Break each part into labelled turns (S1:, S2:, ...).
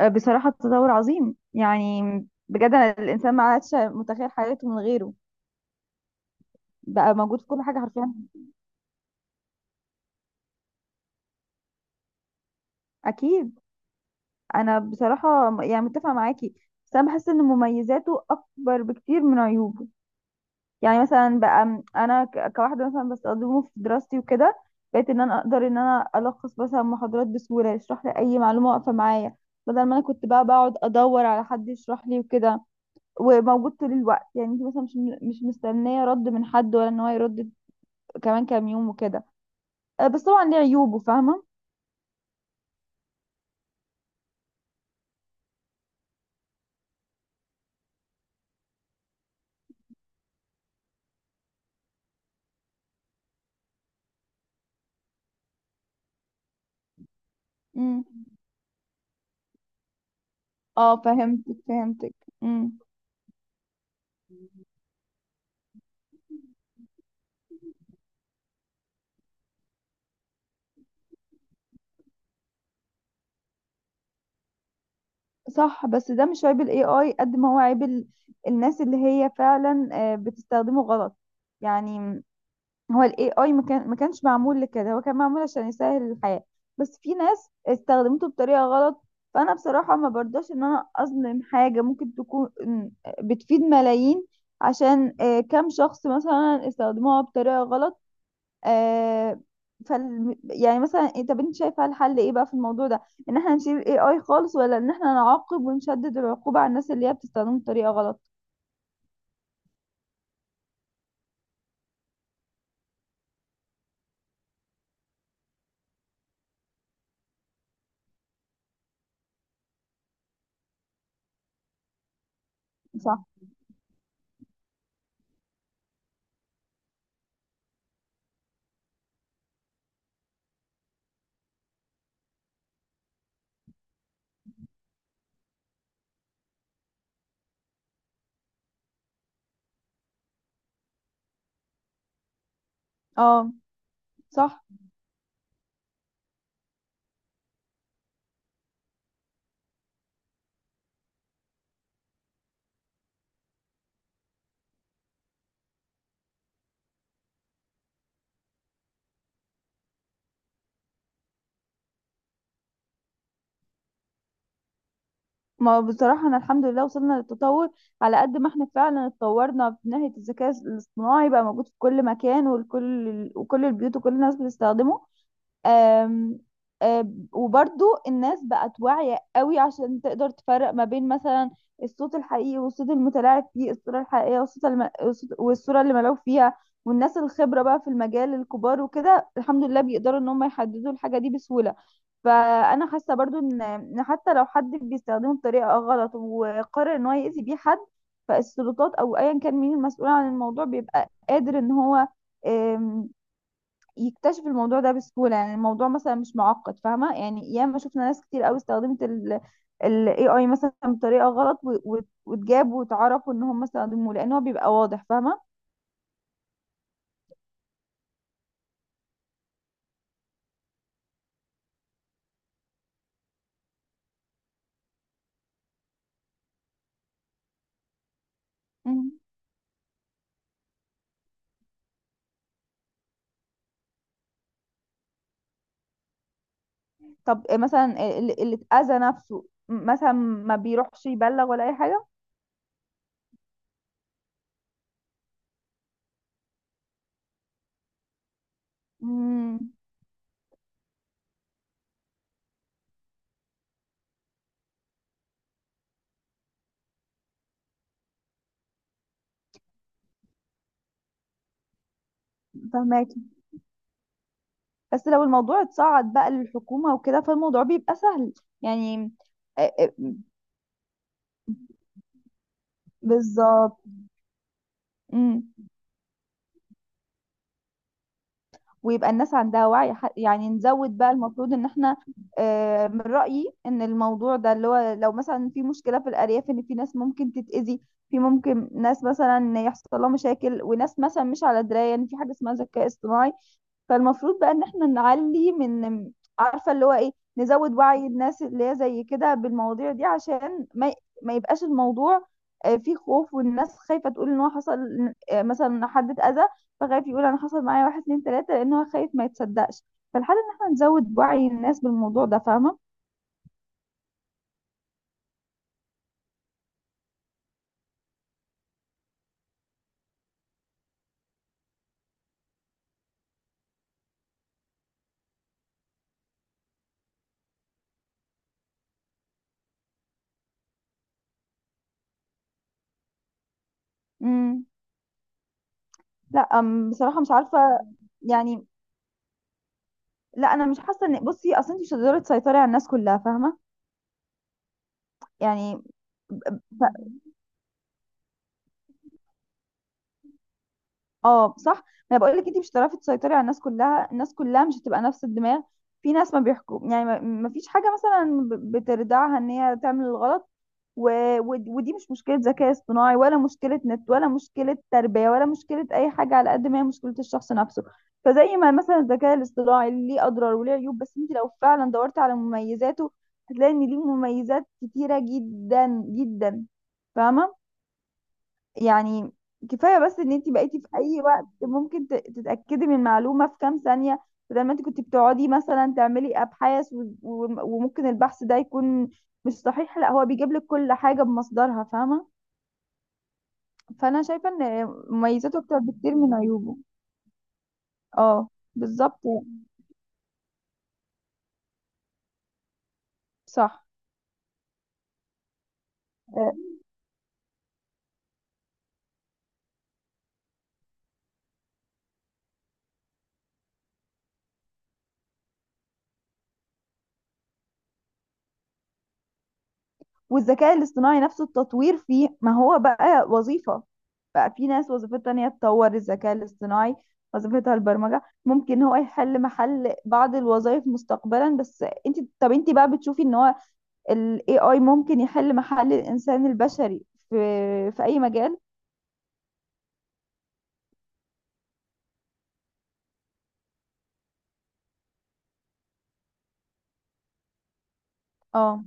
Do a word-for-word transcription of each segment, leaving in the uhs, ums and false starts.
S1: آه، بصراحة تطور عظيم يعني. بجد أنا الإنسان ما عادش متخيل حياته من غيره. بقى موجود في كل حاجة حرفيا. أكيد. أنا بصراحة م- يعني متفقة معاكي. بس أنا بحس إن مميزاته أكبر بكتير من عيوبه. يعني مثلا بقى م- أنا ك- كواحدة مثلا بستخدمه في دراستي وكده، بقيت إن أنا أقدر إن أنا ألخص مثلا محاضرات بسهولة، يشرح لي أي معلومة واقفة معايا، بدل ما أنا كنت بقى بقعد أدور على حد يشرح لي وكده، وموجود طول الوقت. يعني انت مثلا مش مش مستنيه رد من حد ولا ان هو يرد كمان كام يوم وكده. آه، بس طبعا ليه عيوبه، فاهمة. امم. اه، فهمتك فهمتك. امم. صح، بس ده مش عيب الاي اي قد ما هو عيب ال- الناس اللي هي فعلا آه، بتستخدمه غلط. يعني م- هو الاي اي ما كان- ما كانش معمول لكده، هو كان معمول عشان يسهل الحياة، بس في ناس استخدمته بطريقة غلط. فانا بصراحة ما برضاش ان انا اظلم حاجة ممكن تكون م- بتفيد ملايين عشان آه، كام شخص مثلا استخدموها بطريقة غلط. آه. فال يعني مثلا إيه- طب انت شايفه الحل ايه بقى في الموضوع ده؟ ان احنا نشيل الاي اي خالص ولا ان احنا نعاقب ونشدد العقوبه على الناس اللي هي بتستخدمه بطريقه غلط؟ صح. اه، صح. ما هو بصراحه انا الحمد لله وصلنا للتطور، على قد ما احنا فعلا اتطورنا من ناحيه الذكاء الاصطناعي. بقى موجود في كل مكان، والكل وكل البيوت وكل الناس بتستخدمه. أم أم وبرضو الناس بقت واعية قوي عشان تقدر تفرق ما بين مثلا الصوت الحقيقي والصوت المتلاعب فيه، الصورة الحقيقية والصوت الم... والصوت- والصورة اللي ملعوب فيها. والناس الخبرة بقى في المجال، الكبار وكده الحمد لله بيقدروا ان هم يحددوا الحاجة دي بسهولة. فأنا حاسة برضو ان إن حتى لو حد بيستخدمه بطريقة غلط وقرر ان هو يأذي بيه حد، فالسلطات او ايا كان مين المسؤول عن الموضوع بيبقى قادر ان هو يكتشفوا الموضوع ده بسهولة. يعني الموضوع مثلا مش معقد، فاهمة؟ يعني ياما شفنا ناس كتير قوي استخدمت ال ال اي اي مثلا بطريقة غلط و- و- واتجاب واتعرفوا ان هم استخدموه لان هو بيبقى واضح، فاهمة. مم. طب مثلا اللي اللي اتأذى نفسه م- مثلا ما بيروحش يبلغ ولا اي حاجة؟ مم. فهماكي، بس لو الموضوع اتصعد بقى للحكومة وكده فالموضوع بيبقى سهل يعني. آه، آه، بالظبط. مم. ويبقى الناس عندها وعي. ح- يعني نزود بقى، المفروض ان احنا آه، من رأيي ان الموضوع ده اللي هو لو مثلا في مشكلة في الأرياف، ان في ناس ممكن تتأذي، في ممكن ناس مثلا يحصل لها مشاكل، وناس مثلا مش على دراية ان في حاجة اسمها ذكاء اصطناعي، فالمفروض بقى ان احنا نعلي من، عارفه اللي هو ايه، نزود وعي الناس اللي هي زي كده بالمواضيع دي عشان ما ما يبقاش الموضوع آه، فيه خوف، والناس خايفه تقول ان هو حصل، آه، مثلا إن حد اتاذى، فخايف يقول انا حصل معايا واحد اتنين تلاته لان هو خايف ما يتصدقش. فالحل ان احنا نزود وعي الناس بالموضوع ده، فاهمه. امم. لا، أم، بصراحه مش عارفه يعني. لا، انا مش حاسه ان، بصي اصل انت مش هتقدري تسيطري على الناس كلها، فاهمه. يعني اه، صح. ما انا بقول لك انت مش هتعرفي تسيطري على الناس كلها. الناس كلها مش هتبقى نفس الدماغ، في ناس ما بيحكم. يعني ما ما فيش حاجه مثلا ب- بتردعها ان هي تعمل الغلط. و... و... ودي مش مشكله ذكاء اصطناعي ولا مشكله نت ولا مشكله تربيه ولا مشكله اي حاجه، على قد ما هي مشكله الشخص نفسه. فزي ما مثلا الذكاء الاصطناعي ليه اضرار وليه عيوب، بس انت لو فعلا دورت على مميزاته هتلاقي ان ليه مميزات كتيره جدا جدا، فاهمه. يعني كفايه بس ان انت بقيتي في اي وقت ممكن ت- تتاكدي من معلومه في كام ثانيه، بدل ما انت كنت بتقعدي مثلا تعملي ابحاث و- و- وممكن البحث ده يكون مش صحيح. لا، هو بيجيب لك كل حاجه بمصدرها، فاهمه. فانا شايفه ان مميزاته اكتر بكتير من عيوبه. اه، بالظبط. صح. والذكاء الاصطناعي نفسه التطوير فيه ما هو بقى وظيفة، بقى في ناس وظيفتها ان هي تطور الذكاء الاصطناعي، وظيفتها البرمجة. ممكن هو يحل محل بعض الوظائف مستقبلا. بس انت، طب انت بقى بتشوفي ان هو ال A I ممكن يحل محل الانسان البشري في في اي مجال؟ اه،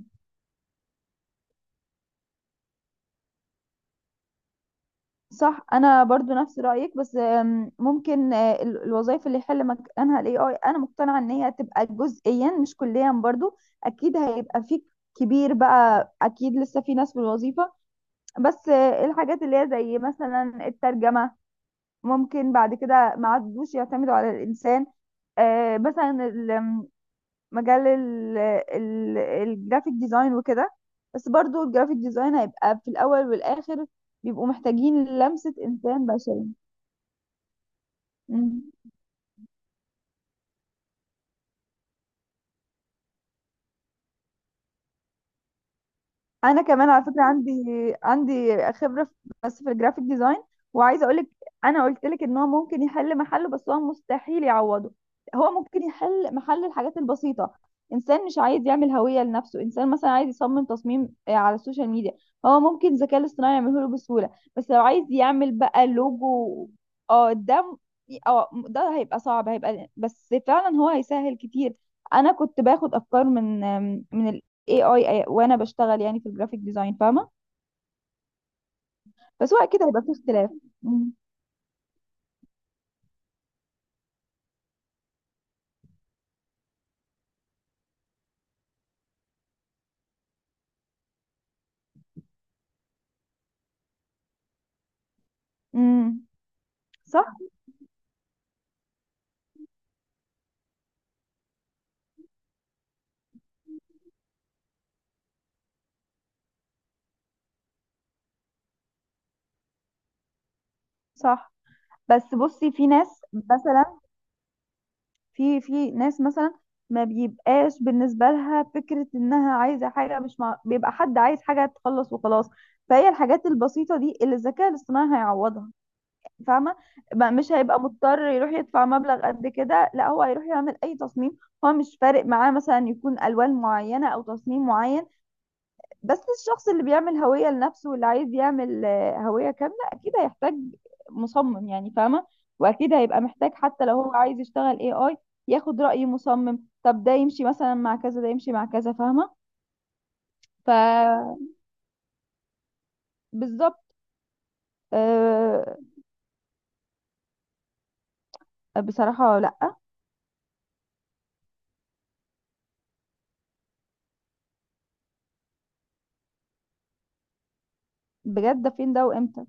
S1: صح. انا برضو نفس رايك، بس آم، ممكن آه، ال- الوظائف اللي يحل مكانها الاي اي، انا مقتنعه ان هي تبقى جزئيا مش كليا برضو. اكيد هيبقى في كبير بقى، اكيد لسه في ناس في الوظيفه. بس آه، الحاجات اللي هي زي مثلا الترجمه ممكن بعد كده ما عادوش يعتمدوا على الانسان. آه، مثلا ال- مجال ال- ال- الجرافيك ديزاين وكده. بس برضو الجرافيك ديزاين هيبقى في الاول والاخر بيبقوا محتاجين لمسة إنسان بشري. مم. انا كمان على فكره عندي عندي خبره في- بس في الجرافيك ديزاين. وعايزه اقول لك، انا قلت لك ان هو ممكن يحل محله بس هو مستحيل يعوضه. هو ممكن يحل محل الحاجات البسيطه. انسان مش عايز يعمل هويه لنفسه، انسان مثلا عايز يصمم تصميم آه، على السوشيال ميديا، هو ممكن الذكاء الاصطناعي يعمله له بسهوله. بس لو عايز يعمل بقى لوجو، اه ده م- اه ده هيبقى صعب، هيبقى، بس فعلا هو هيسهل كتير. انا كنت باخد افكار من آم، من اي اي وانا بشتغل يعني في الجرافيك ديزاين، فاهمه. بس هو اكيد هيبقى فيه اختلاف. امم امم صح، صح. بس بصي في ناس مثلا في في ناس مثلا ما بيبقاش بالنسبه لها فكره انها عايزه حاجه، مش مع... بيبقى حد عايز حاجه تخلص وخلاص. فهي الحاجات البسيطه دي اللي الذكاء الاصطناعي هيعوضها، فاهمه. ما- مش هيبقى مضطر يروح يدفع مبلغ قد كده، لا هو هيروح يعمل اي تصميم، هو مش فارق معاه مثلا يكون الوان معينه او تصميم معين. بس الشخص اللي بيعمل هوية لنفسه واللي عايز يعمل آه، هوية كاملة أكيد هيحتاج مصمم، يعني فاهمة. وأكيد هيبقى محتاج حتى لو هو عايز يشتغل اي اي، ياخد رأي مصمم. طب ده يمشي مثلا مع كذا، ده يمشي مع كذا، فاهمة. فبالظبط. أه، بصراحة لأ. بجد ده فين ده وامتى؟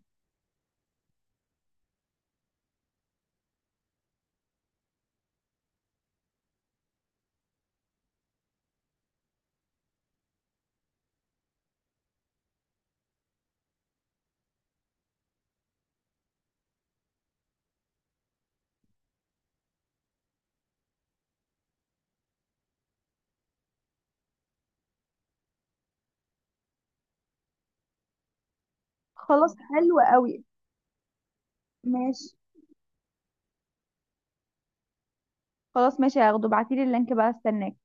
S1: خلاص، حلو قوي. ماشي، خلاص، ماشي، هاخده. ابعتيلي اللينك بقى، استناك.